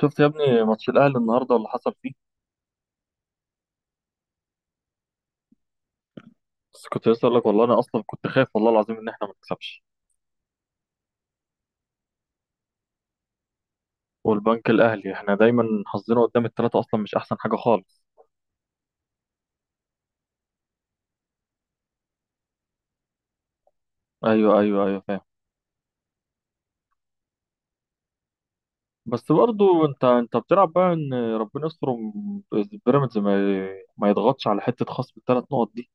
شفت يا ابني ماتش الاهلي النهارده اللي حصل فيه. بس كنت لسه اقول لك، والله انا اصلا كنت خايف والله العظيم ان احنا ما نكسبش. والبنك الاهلي احنا دايما حظنا قدام الثلاثه، اصلا مش احسن حاجه خالص. ايوه ايوه ايوه، فاهم. بس برضو انت بتلعب بقى ان ربنا يستر بيراميدز ما يضغطش على حته خصم الثلاث نقط دي.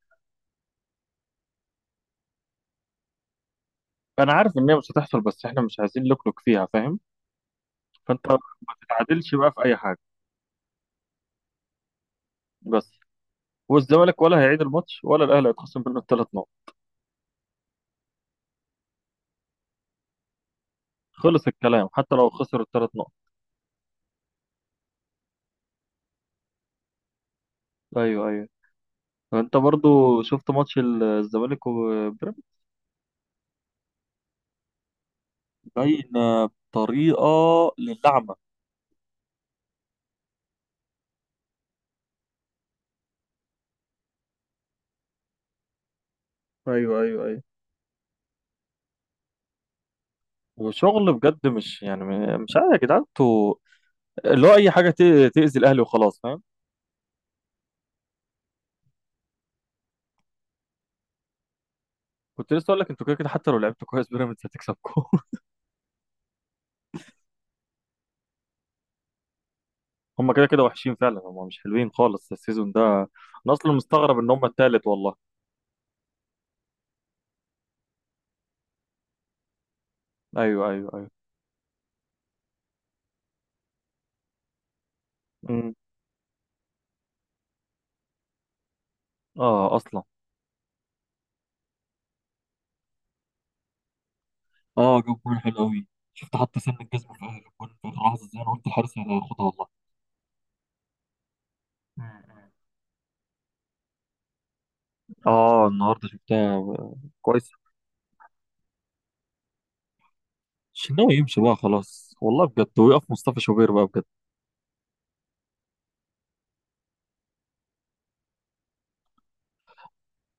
انا عارف ان هي مش هتحصل، بس احنا مش عايزين نلكلك فيها، فاهم. فانت ما تتعادلش بقى في اي حاجه. بس والزمالك ولا هيعيد الماتش ولا الاهلي هيتخصم منه الثلاث نقط. خلص الكلام حتى لو خسر الثلاث نقط. ايوه ايوه، انت برضو شفت ماتش الزمالك وبيراميدز. باين بطريقه للعمى. ايوه ايوه ايوه. وشغل بجد، مش يعني مش عارف يا جدعان انتوا، اللي هو اي حاجه تاذي الاهلي وخلاص، فاهم. كنت لسه اقول لك، انتوا كده كده حتى لو لعبتوا كويس بيراميدز هتكسبكم. هم كده كده وحشين فعلا، هم مش حلوين خالص السيزون ده. انا اصلا مستغرب ان هم التالت والله. ايوه ايوه ايوه. امم اه اصلا. اه جاب جول حلو قوي. شفت حتى سن الجزم في اخر الجول في اخر لحظه زي انا قلت الحارس هياخدها. والله. اه النهارده شفتها. كويس. الشناوي يمشي بقى خلاص والله بجد، ويقف مصطفى شوبير بقى بجد.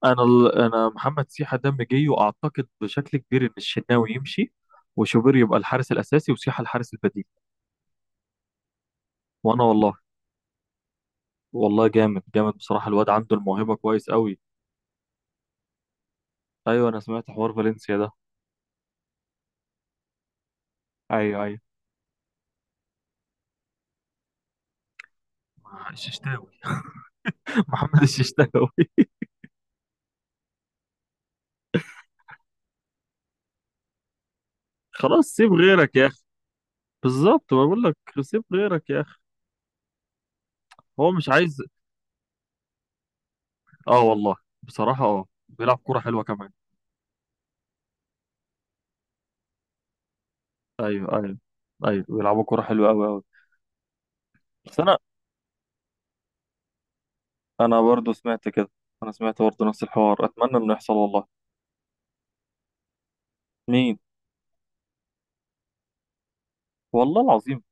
انا محمد سيحه دم جاي، واعتقد بشكل كبير ان الشناوي يمشي، وشوبير يبقى الحارس الاساسي وسيحه الحارس البديل. وانا والله، والله جامد جامد بصراحه، الواد عنده الموهبه كويس قوي. ايوه انا سمعت حوار فالنسيا ده. ايوه ايوه. الششتاوي محمد الششتاوي خلاص سيب غيرك يا اخي. بالظبط بقول لك سيب غيرك يا اخي. هو مش عايز. اه والله. بصراحه اه بيلعب كوره حلوه كمان. ايوه ايوه ايوه، بيلعبوا كوره حلوه قوي قوي. بس انا برضه سمعت كده. انا سمعت برضه نفس الحوار، اتمنى انه يحصل والله. مين. والله العظيم.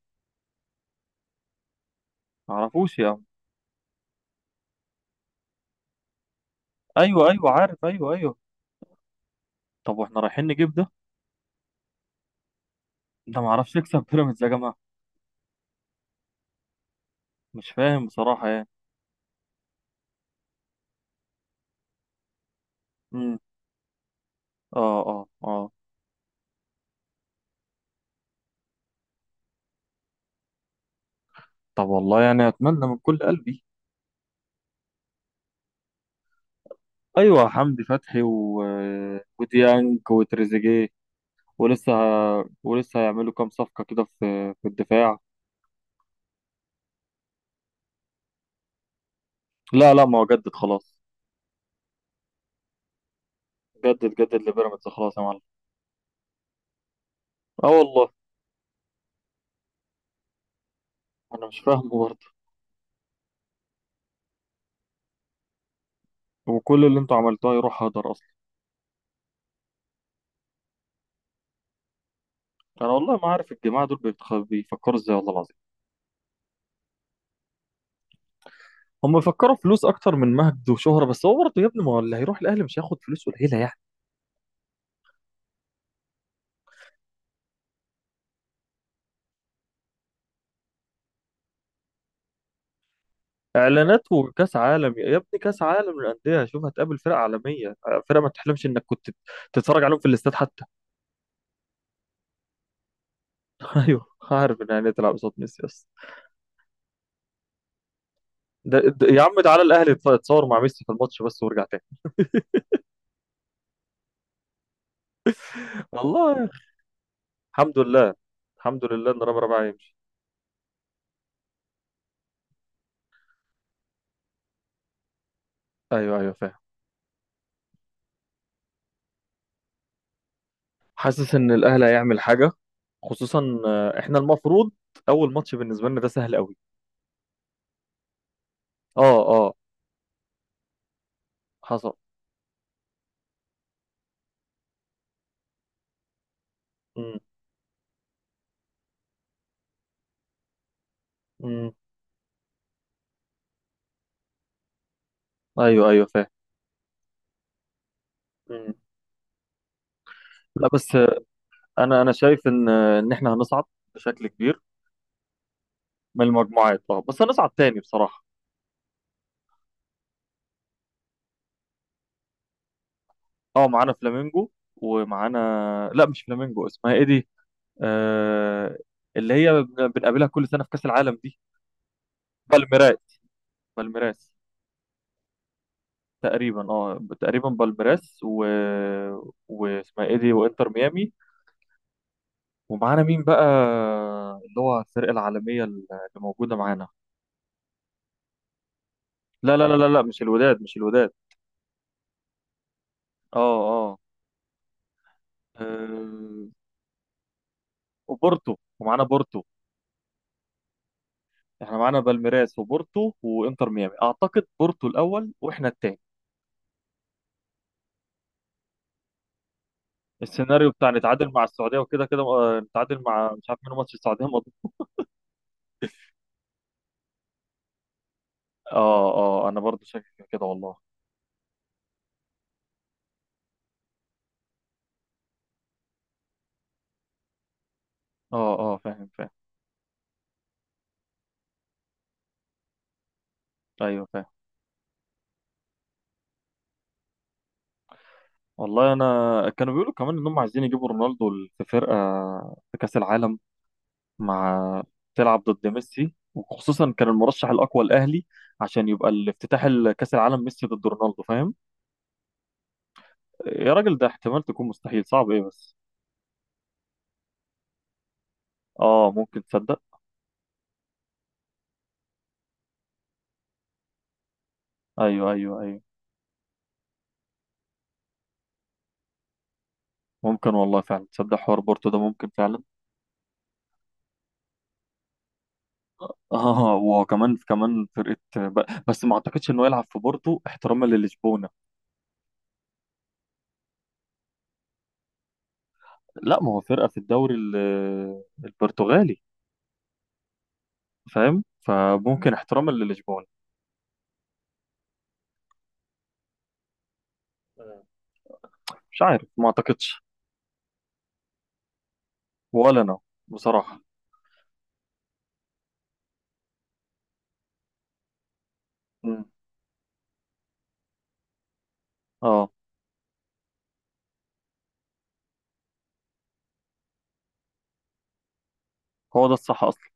ما اعرفوش يا عم. ايوه ايوه عارف، ايوه ايوه. طب واحنا رايحين نجيب ده. ده ما اعرفش يكسب بيراميدز يا جماعه. مش فاهم بصراحه يعني. امم اه اه اه. طب والله يعني اتمنى من كل قلبي. ايوه حمدي فتحي و... آه، وديانج وتريزيجيه. ولسه ولسه هيعملوا كام صفقه كده في الدفاع. لا لا، ما هو جدد خلاص. جدد جدد لبيراميدز خلاص يا معلم. اه والله. انا مش فاهمه برضه. وكل اللي انتوا عملتوه يروح هدر اصلا. انا والله ما عارف الجماعه دول بيفكروا ازاي، والله العظيم. هم بيفكروا فلوس اكتر من مجد وشهره، بس هو برضه يا ابني ما هو اللي هيروح الاهلي مش هياخد فلوس قليله يعني. اعلانات وكاس عالم يا ابني، كاس عالم للانديه، شوف هتقابل فرق عالميه، فرقه ما تحلمش انك كنت تتفرج عليهم في الاستاد حتى. ايوه عارف، ان يعني تلعب قصاد ميسي بس. يا عم تعالى الاهلي يتصور مع ميسي في الماتش بس وارجع تاني. والله. الحمد لله. الحمد لله ان رامي ربيعه هيمشي. ايوه ايوه فاهم. حاسس ان الاهلي هيعمل حاجه، خصوصا احنا المفروض اول ماتش بالنسبه لنا ده سهل قوي. اه اه. حصل. امم امم ايوه ايوه فاهم. امم لا بس، انا شايف ان ان احنا هنصعد بشكل كبير. من المجموعات اه بس هنصعد تاني بصراحه. اه معانا فلامينجو، ومعانا، لا مش فلامينجو، اسمها ايه دي؟ آه... اللي هي بنقابلها كل سنه في كاس العالم دي. بالميراس. بالميراس تقريبا، اه تقريبا بالميراس واسمها ايه دي؟ وانتر ميامي. ومعانا مين بقى؟ اللي هو الفرقة العالمية اللي موجودة معانا. لا لا لا لا لا، مش الوداد مش الوداد. اه اه. آه، وبورتو، ومعانا بورتو. احنا معانا بالميراس وبورتو وانتر ميامي، اعتقد بورتو الاول واحنا التاني. السيناريو بتاع نتعادل مع السعودية، وكده كده نتعادل مع مش عارف مين، ماتش السعودية مضى. اه اه انا برضو شاكك في كده والله. اه اه فاهم فاهم. ايوه فاهم. والله انا كانوا بيقولوا كمان انهم عايزين يجيبوا رونالدو في فرقه، في كاس العالم، مع تلعب ضد ميسي، وخصوصا كان المرشح الاقوى الاهلي عشان يبقى الافتتاح كاس العالم ميسي ضد رونالدو، فاهم. يا راجل ده احتمال تكون مستحيل، صعب ايه بس. اه ممكن تصدق. ايوه ايوه ايوه. ممكن والله فعلا تصدق حوار بورتو ده ممكن فعلا. اه، وكمان كمان فرقه بس ما اعتقدش انه يلعب في بورتو احتراما للشبونه. لا، ما هو فرقه في الدوري البرتغالي، فاهم. فممكن احتراما للشبون. مم. مش عارف ما اعتقدش. ولا انا، بصراحة. مم. اه هو ده الصح اصلا.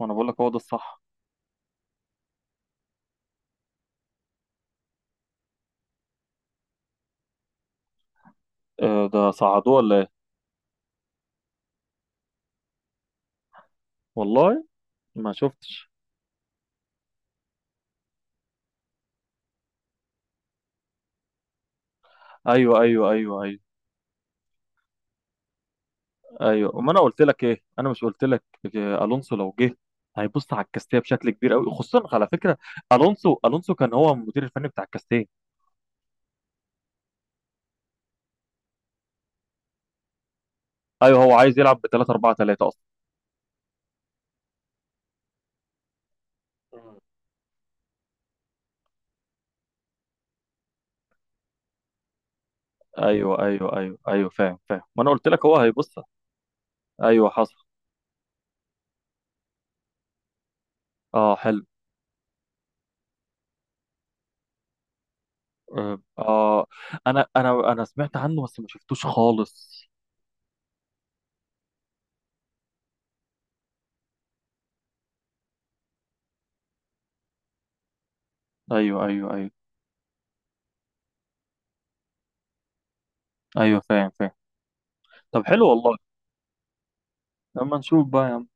وانا بقول لك هو ده الصح. آه ده صعدوه ولا ايه؟ والله ما شفتش. ايوه ايوه ايوه ايوه ايوه. وما انا قلت لك ايه، انا مش قلت لك الونسو لو جه هيبص على الكاستيه بشكل كبير قوي، خصوصا على فكره. الونسو، الونسو كان هو المدير الفني بتاع الكاستيه. ايوه هو عايز يلعب ب 3-4-3 اصلا. ايوه ايوه ايوه ايوه فاهم فاهم، ما انا قلت لك هو هيبص. ايوه حصل. اه حلو. آه آه، أنا سمعت عنه بس ما شفتوش خالص. أيوه أيوه أيوه أيوه فاهم فاهم. طب حلو والله. لما نشوف بقى يا عم.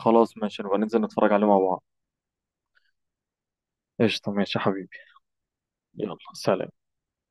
خلاص ماشي، نبقى ننزل نتفرج عليه مع بعض. قشطة ماشي يا حبيبي. يلا سلام.